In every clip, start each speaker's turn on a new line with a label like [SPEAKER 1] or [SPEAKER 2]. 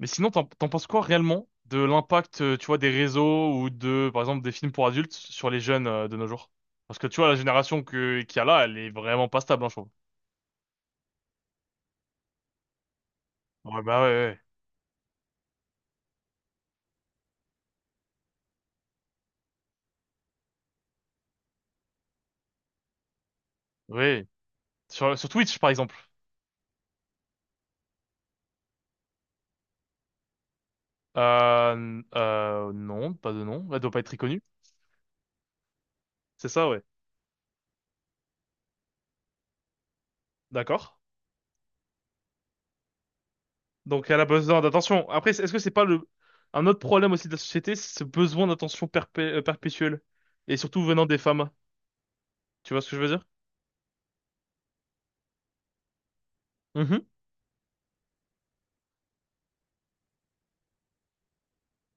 [SPEAKER 1] Mais sinon, t'en penses quoi réellement de l'impact, tu vois, des réseaux ou de, par exemple, des films pour adultes sur les jeunes de nos jours? Parce que tu vois, la génération que qu'il y a là, elle est vraiment pas stable, hein, je trouve. Ouais, bah ouais, ouais. Oui. Sur Twitch, par exemple. Non, pas de nom. Elle doit pas être très connue. C'est ça, ouais. D'accord. Donc elle a besoin d'attention. Après, est-ce que c'est pas le un autre problème aussi de la société, c'est ce besoin d'attention perpétuelle et surtout venant des femmes. Tu vois ce que je veux dire? Mhm.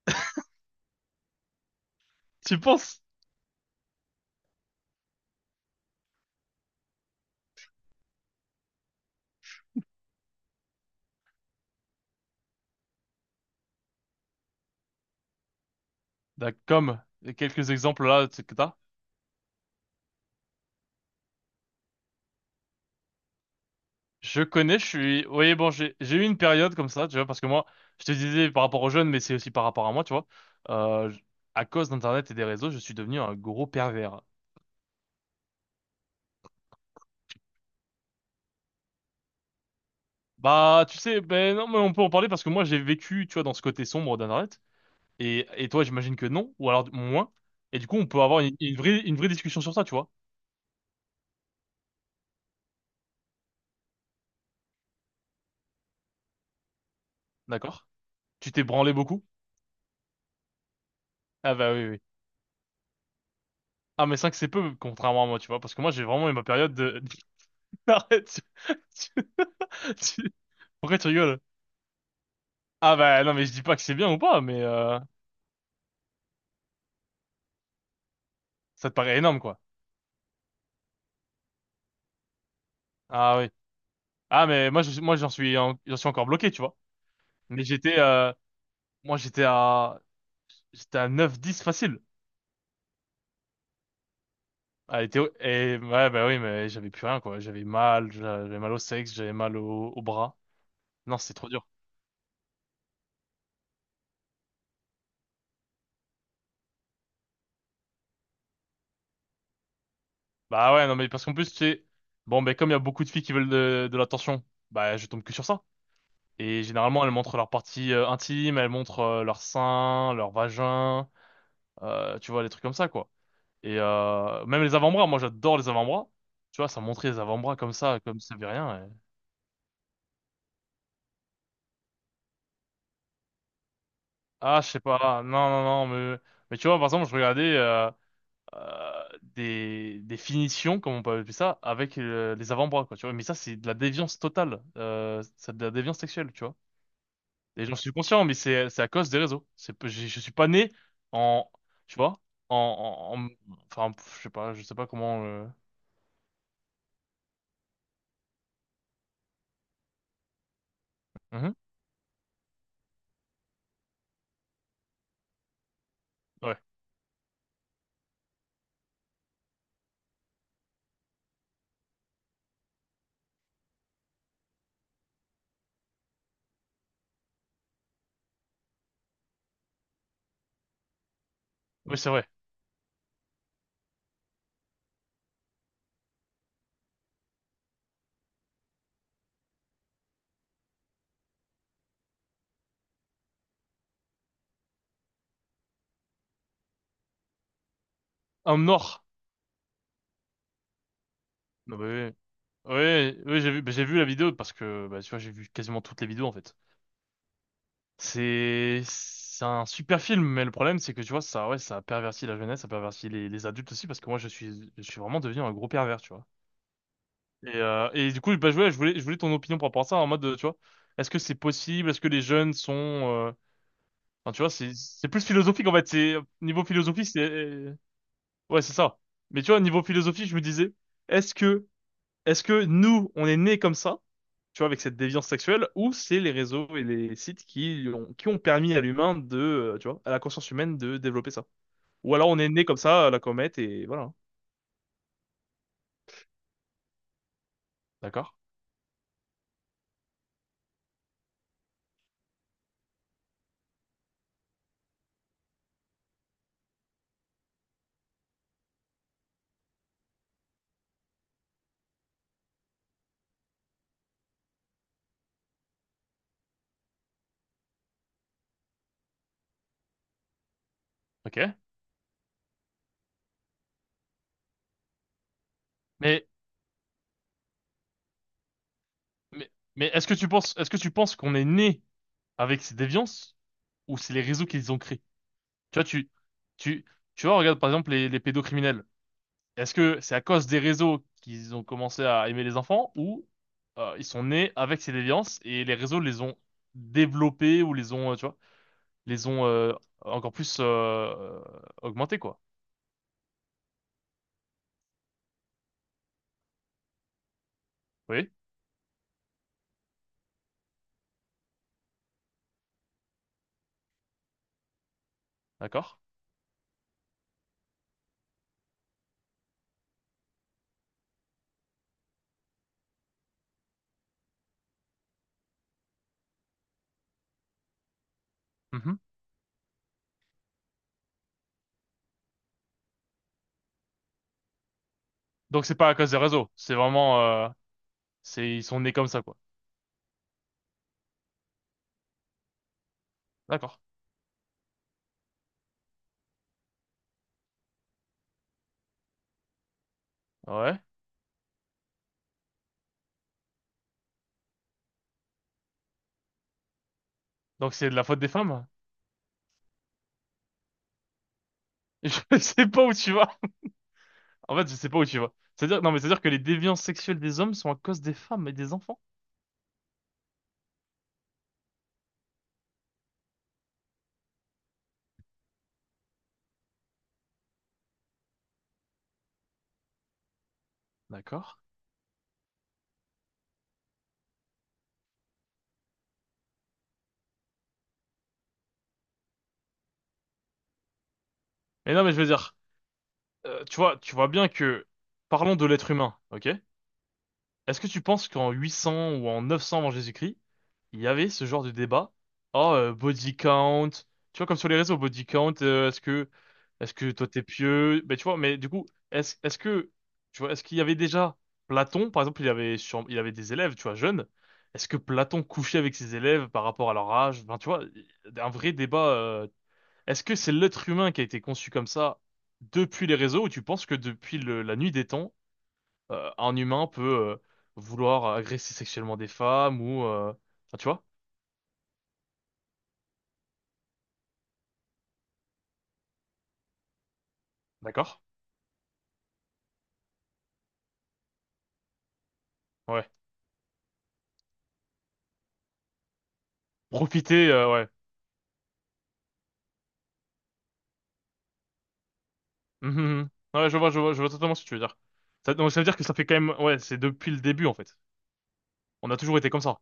[SPEAKER 1] Tu penses? Comme quelques exemples là, tu sais que t'as. Je connais, je suis. Oui, bon, j'ai eu une période comme ça, tu vois, parce que moi, je te disais par rapport aux jeunes, mais c'est aussi par rapport à moi, tu vois. Euh, j- à cause d'Internet et des réseaux, je suis devenu un gros pervers. Bah, tu sais, ben non, mais on peut en parler parce que moi, j'ai vécu, tu vois, dans ce côté sombre d'Internet. Et toi, j'imagine que non, ou alors moins. Et du coup, on peut avoir une vraie discussion sur ça, tu vois. D'accord? Tu t'es branlé beaucoup? Ah, bah oui, oui. Ah, mais 5, c'est peu, contrairement à moi, tu vois, parce que moi, j'ai vraiment eu ma période. Arrête, tu- tu- Pourquoi tu rigoles? Ah bah non mais je dis pas que c'est bien ou pas, mais ça te paraît énorme quoi. Ah oui. Ah mais moi j'en suis encore bloqué tu vois. Mais j'étais Moi j'étais à 9-10 facile. Ah, et ouais bah oui mais j'avais plus rien quoi. J'avais mal au sexe, j'avais mal au bras. Non, c'était trop dur. Bah ouais non mais parce qu'en plus tu sais bon ben comme il y a beaucoup de filles qui veulent de l'attention, bah je tombe que sur ça. Et généralement, elles montrent leurs parties intimes, elles montrent leurs seins, leurs vagins, tu vois, les trucs comme ça, quoi. Et même les avant-bras, moi j'adore les avant-bras. Tu vois, ça montrait les avant-bras comme ça veut rien. Ah, je sais pas, ah, non, non, non, mais, tu vois, par exemple, je regardais des finitions, comme on peut appeler ça, avec les avant-bras, quoi, tu vois. Mais ça, c'est de la déviance totale, c'est de la déviance sexuelle, tu vois. Et j'en suis conscient, mais c'est à cause des réseaux. Je suis pas né en, tu vois, en, en, en- enfin, je sais pas comment. Mhm. Ouais, oui, c'est vrai. Homme noir. Non, bah, oui, oui, oui, j'ai vu, bah, j'ai vu la vidéo parce que, bah, tu vois, j'ai vu quasiment toutes les vidéos en fait. C'est un super film, mais le problème c'est que tu vois, ça, ouais, ça a perverti la jeunesse, ça a perverti les adultes aussi parce que moi, je suis vraiment devenu un gros pervers, tu vois. Et du coup, bah, je voulais ton opinion par rapport à ça, en mode, tu vois, est-ce que c'est possible? Est-ce que les jeunes sont... Enfin, tu vois, c'est plus philosophique, en fait. Niveau philosophie, c'est... Ouais, c'est ça. Mais tu vois, niveau philosophie, je me disais, est-ce que, est-ce que nous, on est nés comme ça, tu vois, avec cette déviance sexuelle, ou c'est les réseaux et les sites qui ont permis à l'humain de, tu vois, à la conscience humaine de développer ça? Ou alors on est né comme ça, à la comète, et voilà. D'accord. Ok. Mais, mais est-ce que tu penses, qu'on est né avec ces déviances ou c'est les réseaux qu'ils ont créés? Tu vois, tu, tu, tu vois, regarde par exemple les pédocriminels. Est-ce que c'est à cause des réseaux qu'ils ont commencé à aimer les enfants ou ils sont nés avec ces déviances et les réseaux les ont développés ou les ont, tu vois, les ont encore plus euh, augmentés, quoi. Oui, d'accord. Mhm. Donc c'est pas à cause des réseaux, c'est vraiment, ils sont nés comme ça, quoi. D'accord. Ouais. Donc c'est de la faute des femmes? Je sais pas où tu vas. En fait, je sais pas où tu vas. C'est-à-dire, non, mais c'est-à-dire que les déviances sexuelles des hommes sont à cause des femmes et des enfants. D'accord. Mais non, mais je veux dire, tu vois bien que, parlons de l'être humain, ok? Est-ce que tu penses qu'en 800 ou en 900 avant Jésus-Christ, il y avait ce genre de débat? Oh, body count. Tu vois, comme sur les réseaux, body count, est-ce que toi t'es pieux? Ben, tu vois, mais du coup, est-ce que, tu vois, est-ce qu'il y avait déjà Platon, par exemple, il avait des élèves, tu vois, jeunes. Est-ce que Platon couchait avec ses élèves par rapport à leur âge? Enfin, tu vois, un vrai débat. Est-ce que c'est l'être humain qui a été conçu comme ça depuis les réseaux ou tu penses que depuis la nuit des temps, un humain peut euh, vouloir agresser sexuellement des femmes ou enfin, tu vois? D'accord? Ouais. Profiter, ouais. Mhm, mhm. Ouais, je vois totalement ce que tu veux dire. Ça, donc ça veut dire que ça fait quand même, ouais, c'est depuis le début en fait. On a toujours été comme ça.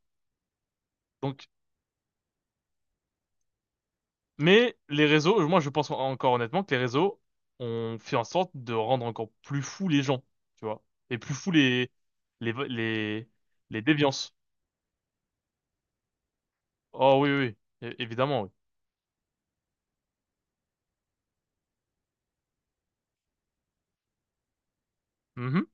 [SPEAKER 1] Donc, mais les réseaux, moi je pense encore honnêtement que les réseaux ont fait en sorte de rendre encore plus fous les gens, tu vois, et plus fous les les les déviances. Oh oui, oui, oui. Évidemment, oui. Mmh, mmh.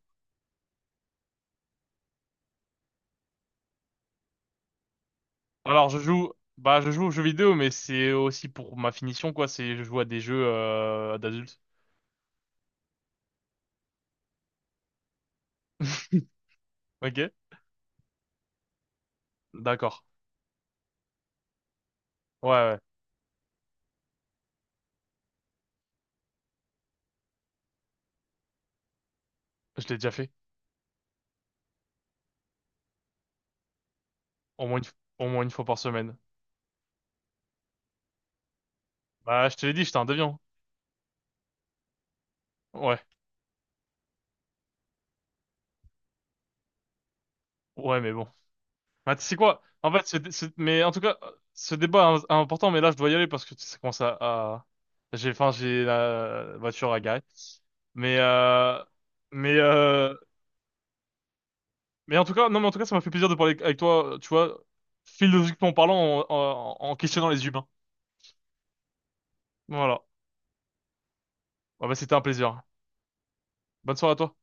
[SPEAKER 1] Alors je joue, bah je joue aux jeux vidéo, mais c'est aussi pour ma finition quoi. C'est je joue à des jeux d'adultes. Ok, d'accord. Ouais, ouais. Je l'ai déjà fait. Au moins une, f- Au moins une fois par semaine. Bah je te l'ai dit, j'étais un déviant. Ouais, ouais, mais bon. Bah tu sais quoi? En fait, mais en tout cas, ce débat est important, mais là je dois y aller parce que ça commence à. Enfin j'ai la voiture à garer. Mais euh, mais euh, Mais en tout cas, non, mais en tout cas, ça m'a fait plaisir de parler avec toi, tu vois, philosophiquement parlant, en questionnant les humains. Voilà. Ah bah, c'était un plaisir. Bonne soirée à toi.